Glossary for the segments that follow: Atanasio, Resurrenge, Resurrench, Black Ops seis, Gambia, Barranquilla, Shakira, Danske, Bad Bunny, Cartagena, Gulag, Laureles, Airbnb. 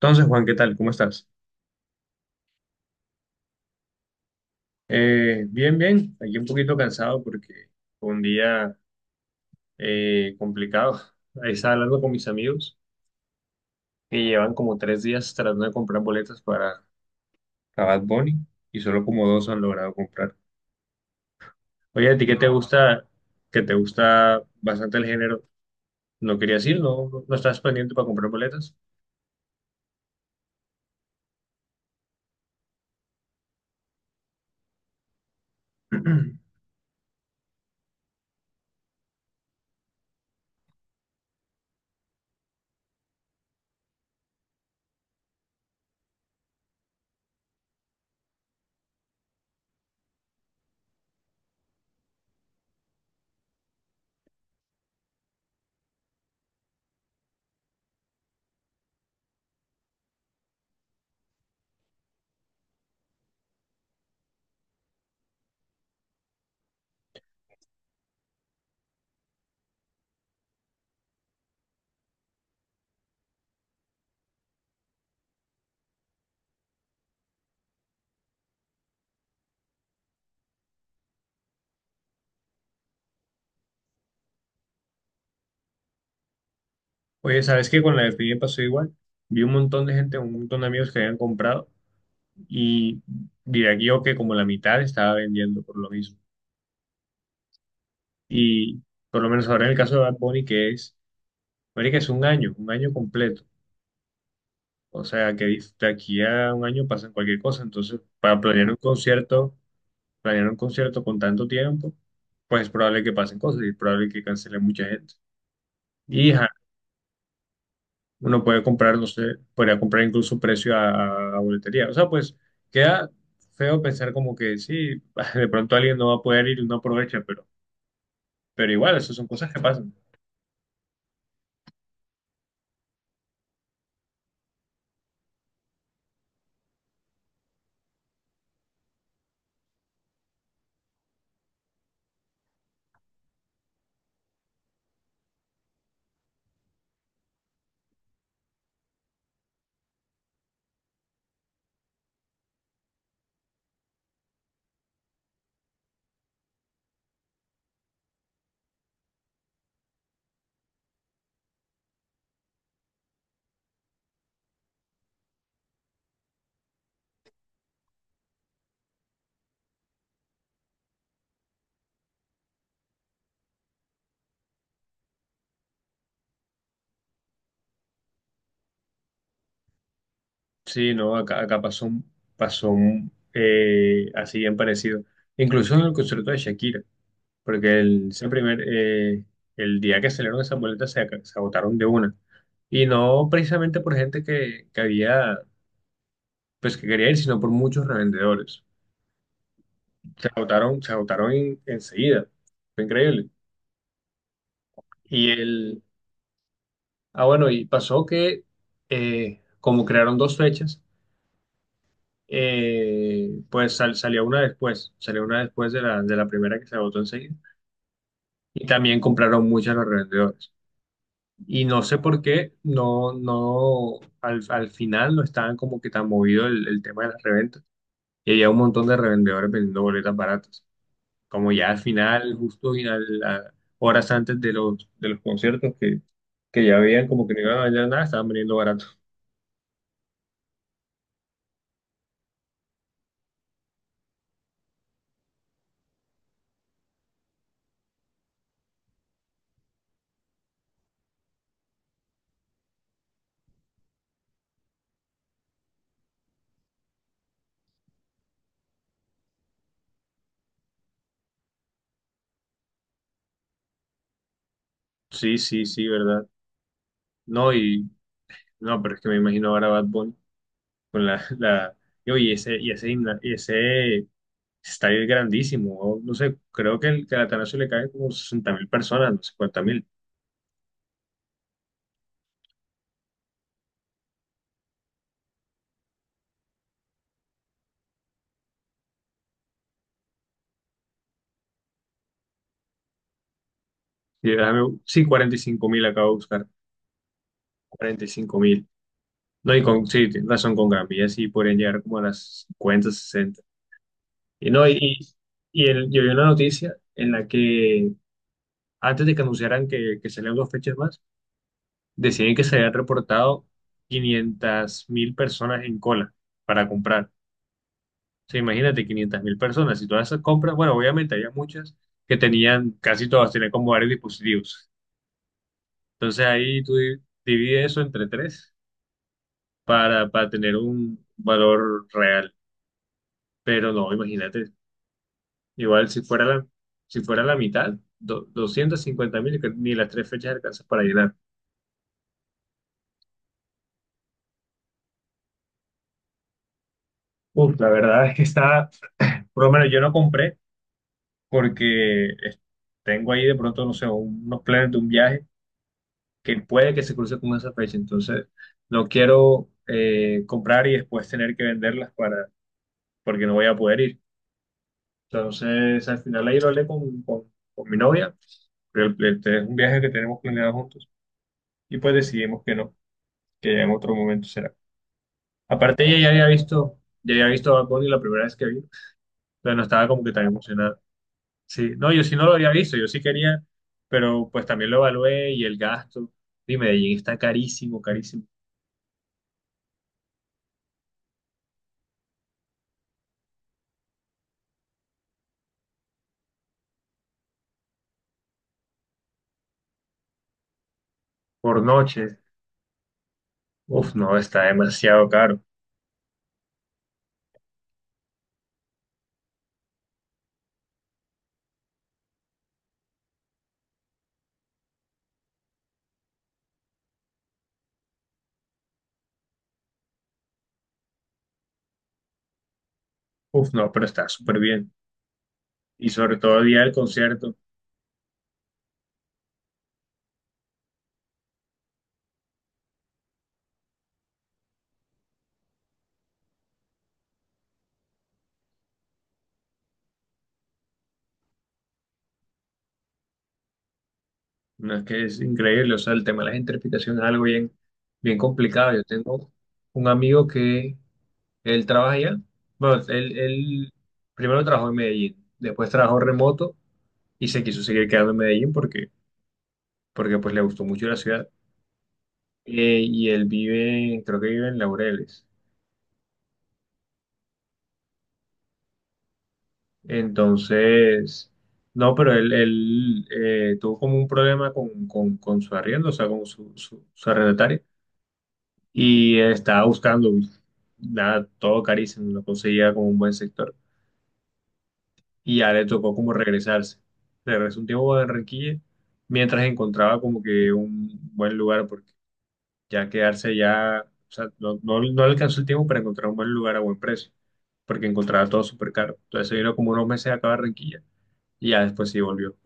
Entonces, Juan, ¿qué tal? ¿Cómo estás? Bien, bien. Aquí un poquito cansado porque fue un día complicado. Ahí estaba hablando con mis amigos que llevan como tres días tratando de comprar boletas para Bad Bunny y solo como dos han logrado comprar. Oye, ¿a ti qué te gusta? Que te gusta bastante el género. No quería decir, no, no estás pendiente para comprar boletas. Oye, ¿sabes qué? Con la de Piñe pasó igual. Vi un montón de gente, un montón de amigos que habían comprado y diría que yo que como la mitad estaba vendiendo por lo mismo. Y por lo menos ahora en el caso de Bad Bunny, que es, marica, es un año completo. O sea, que de aquí a un año pasan cualquier cosa. Entonces, para planear un concierto con tanto tiempo, pues es probable que pasen cosas y es probable que cancele mucha gente. Y ajá, uno puede comprar, no sé, podría comprar incluso precio a boletería. O sea, pues queda feo pensar como que sí, de pronto alguien no va a poder ir y no aprovecha, pero igual, eso son cosas que pasan. Sí, no, acá pasó, pasó un, así bien parecido. Incluso en el concierto de Shakira, porque ese primer, el día que salieron esas boletas se agotaron de una. Y no precisamente por gente que había, pues que quería ir, sino por muchos revendedores. Se agotaron enseguida. Fue increíble. Y el, ah, bueno, y pasó que como crearon dos fechas, pues salió una después de de la primera que se agotó enseguida. Y también compraron muchas los revendedores. Y no sé por qué, no, no, al, al final no estaban como que tan movido el tema de las reventas. Y había un montón de revendedores vendiendo boletas baratas. Como ya al final, justo horas antes de de los conciertos que ya veían como que no iban a vender nada, estaban vendiendo barato. Sí, sí, sí, ¿verdad? No, y no, pero es que me imagino ahora Bad Bunny. Con la y oye, y ese, y ese estadio es grandísimo, o no sé, creo que que al Atanasio le cae como 60 mil personas, no cincuenta mil, sí, sí, 45 mil acabo de buscar, 45 mil, no, y con, sí, tienes razón, con Gambia sí podrían llegar como a las 50 60 y no, y, yo vi una noticia en la que antes de que anunciaran que salían dos fechas más, decían que se habían reportado 500 mil personas en cola para comprar. Sea, imagínate 500 mil personas y todas esas compras, bueno, obviamente había muchas que tenían, casi todas tenían como varios dispositivos. Entonces ahí divides eso entre tres para tener un valor real. Pero no, imagínate, igual si fuera si fuera la mitad, 250 mil, que ni las tres fechas alcanzas para llenar. Uf, la verdad es que está, por lo menos yo no compré porque tengo ahí de pronto, no sé, unos planes de un viaje que puede que se cruce con esa fecha. Entonces, no quiero comprar y después tener que venderlas para, porque no voy a poder ir. Entonces, al final ahí lo hablé con mi novia, pero este es un viaje que tenemos planeado juntos y pues decidimos que no, que ya en otro momento será. Aparte, ella ya había visto a Bad Bunny la primera vez que vino, pero no estaba como que tan emocionada. Sí, no, yo sí no lo había visto, yo sí quería, pero pues también lo evalué y el gasto. Y Medellín está carísimo, carísimo por noche. Uf, no, está demasiado caro. Uf, no, pero está súper bien. Y sobre todo el día del concierto. No es que es increíble, o sea, el tema de las interpretaciones es algo bien, bien complicado. Yo tengo un amigo que él trabaja allá. Bueno, él primero trabajó en Medellín, después trabajó remoto y se quiso seguir quedando en Medellín porque, porque pues le gustó mucho la ciudad. Y él vive, creo que vive en Laureles. Entonces, no, pero él, tuvo como un problema con su arriendo, o sea, con su arrendatario, y estaba buscando, nada, todo carísimo, no conseguía como un buen sector, y ya le tocó como regresarse. Regresó un tiempo a Barranquilla mientras encontraba como que un buen lugar, porque ya quedarse ya, o sea, no, no, no le alcanzó el tiempo para encontrar un buen lugar a buen precio, porque encontraba todo súper caro. Entonces se vino como unos meses acá a Barranquilla, y ya después sí volvió.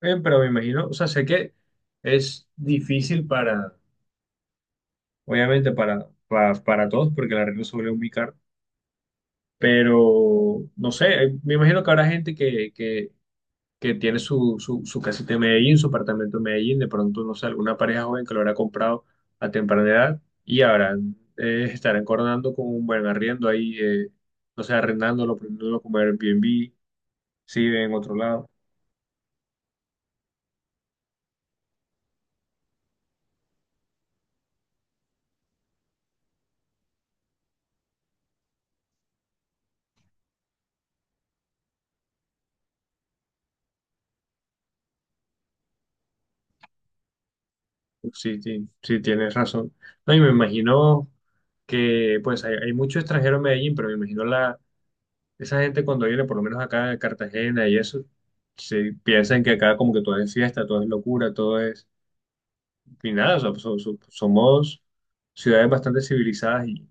Pero me imagino, o sea, sé que es difícil obviamente para todos, porque la arreglo se vuelve muy pero no sé, me imagino que habrá gente que tiene su casita en Medellín, su apartamento en Medellín, de pronto, no sé, alguna pareja joven que lo habrá comprado a temprana edad y habrán, estarán coronando con un buen arriendo ahí, no sé, arrendándolo, prendiéndolo como Airbnb, si en otro lado. Sí, sí, tienes razón. No, y me imagino que pues hay mucho extranjero en Medellín, pero me imagino esa gente cuando viene, por lo menos acá a Cartagena y eso, se piensan que acá como que todo es fiesta, todo es locura, todo es... Y nada, o sea, somos ciudades bastante civilizadas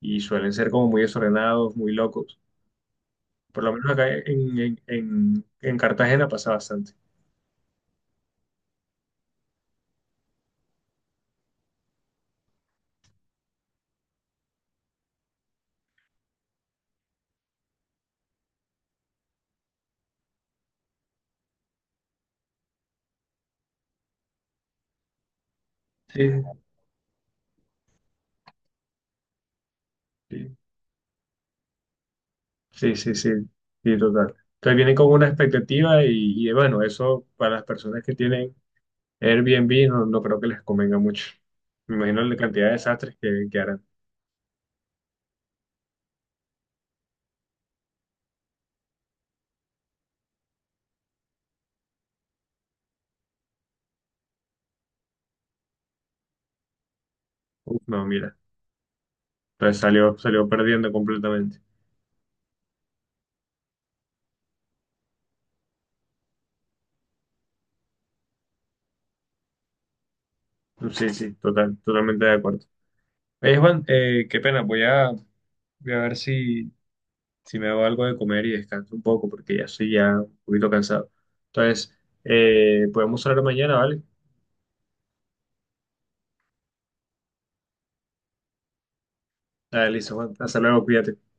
y suelen ser como muy desordenados, muy locos. Por lo menos acá en Cartagena pasa bastante. Sí, sí. Sí, sí, sí, sí, total. Entonces vienen con una expectativa y, bueno, eso para las personas que tienen Airbnb no, no creo que les convenga mucho. Me imagino la cantidad de desastres que harán. Uf, no, mira. Entonces salió, salió perdiendo completamente. Sí, sí, total, totalmente de acuerdo. Oye, Juan, qué pena, voy a ver si, si me hago algo de comer y descanso un poco porque ya estoy ya un poquito cansado. Entonces, podemos hablar mañana, ¿vale? Dale, listo, Juan. Hasta luego, cuídate.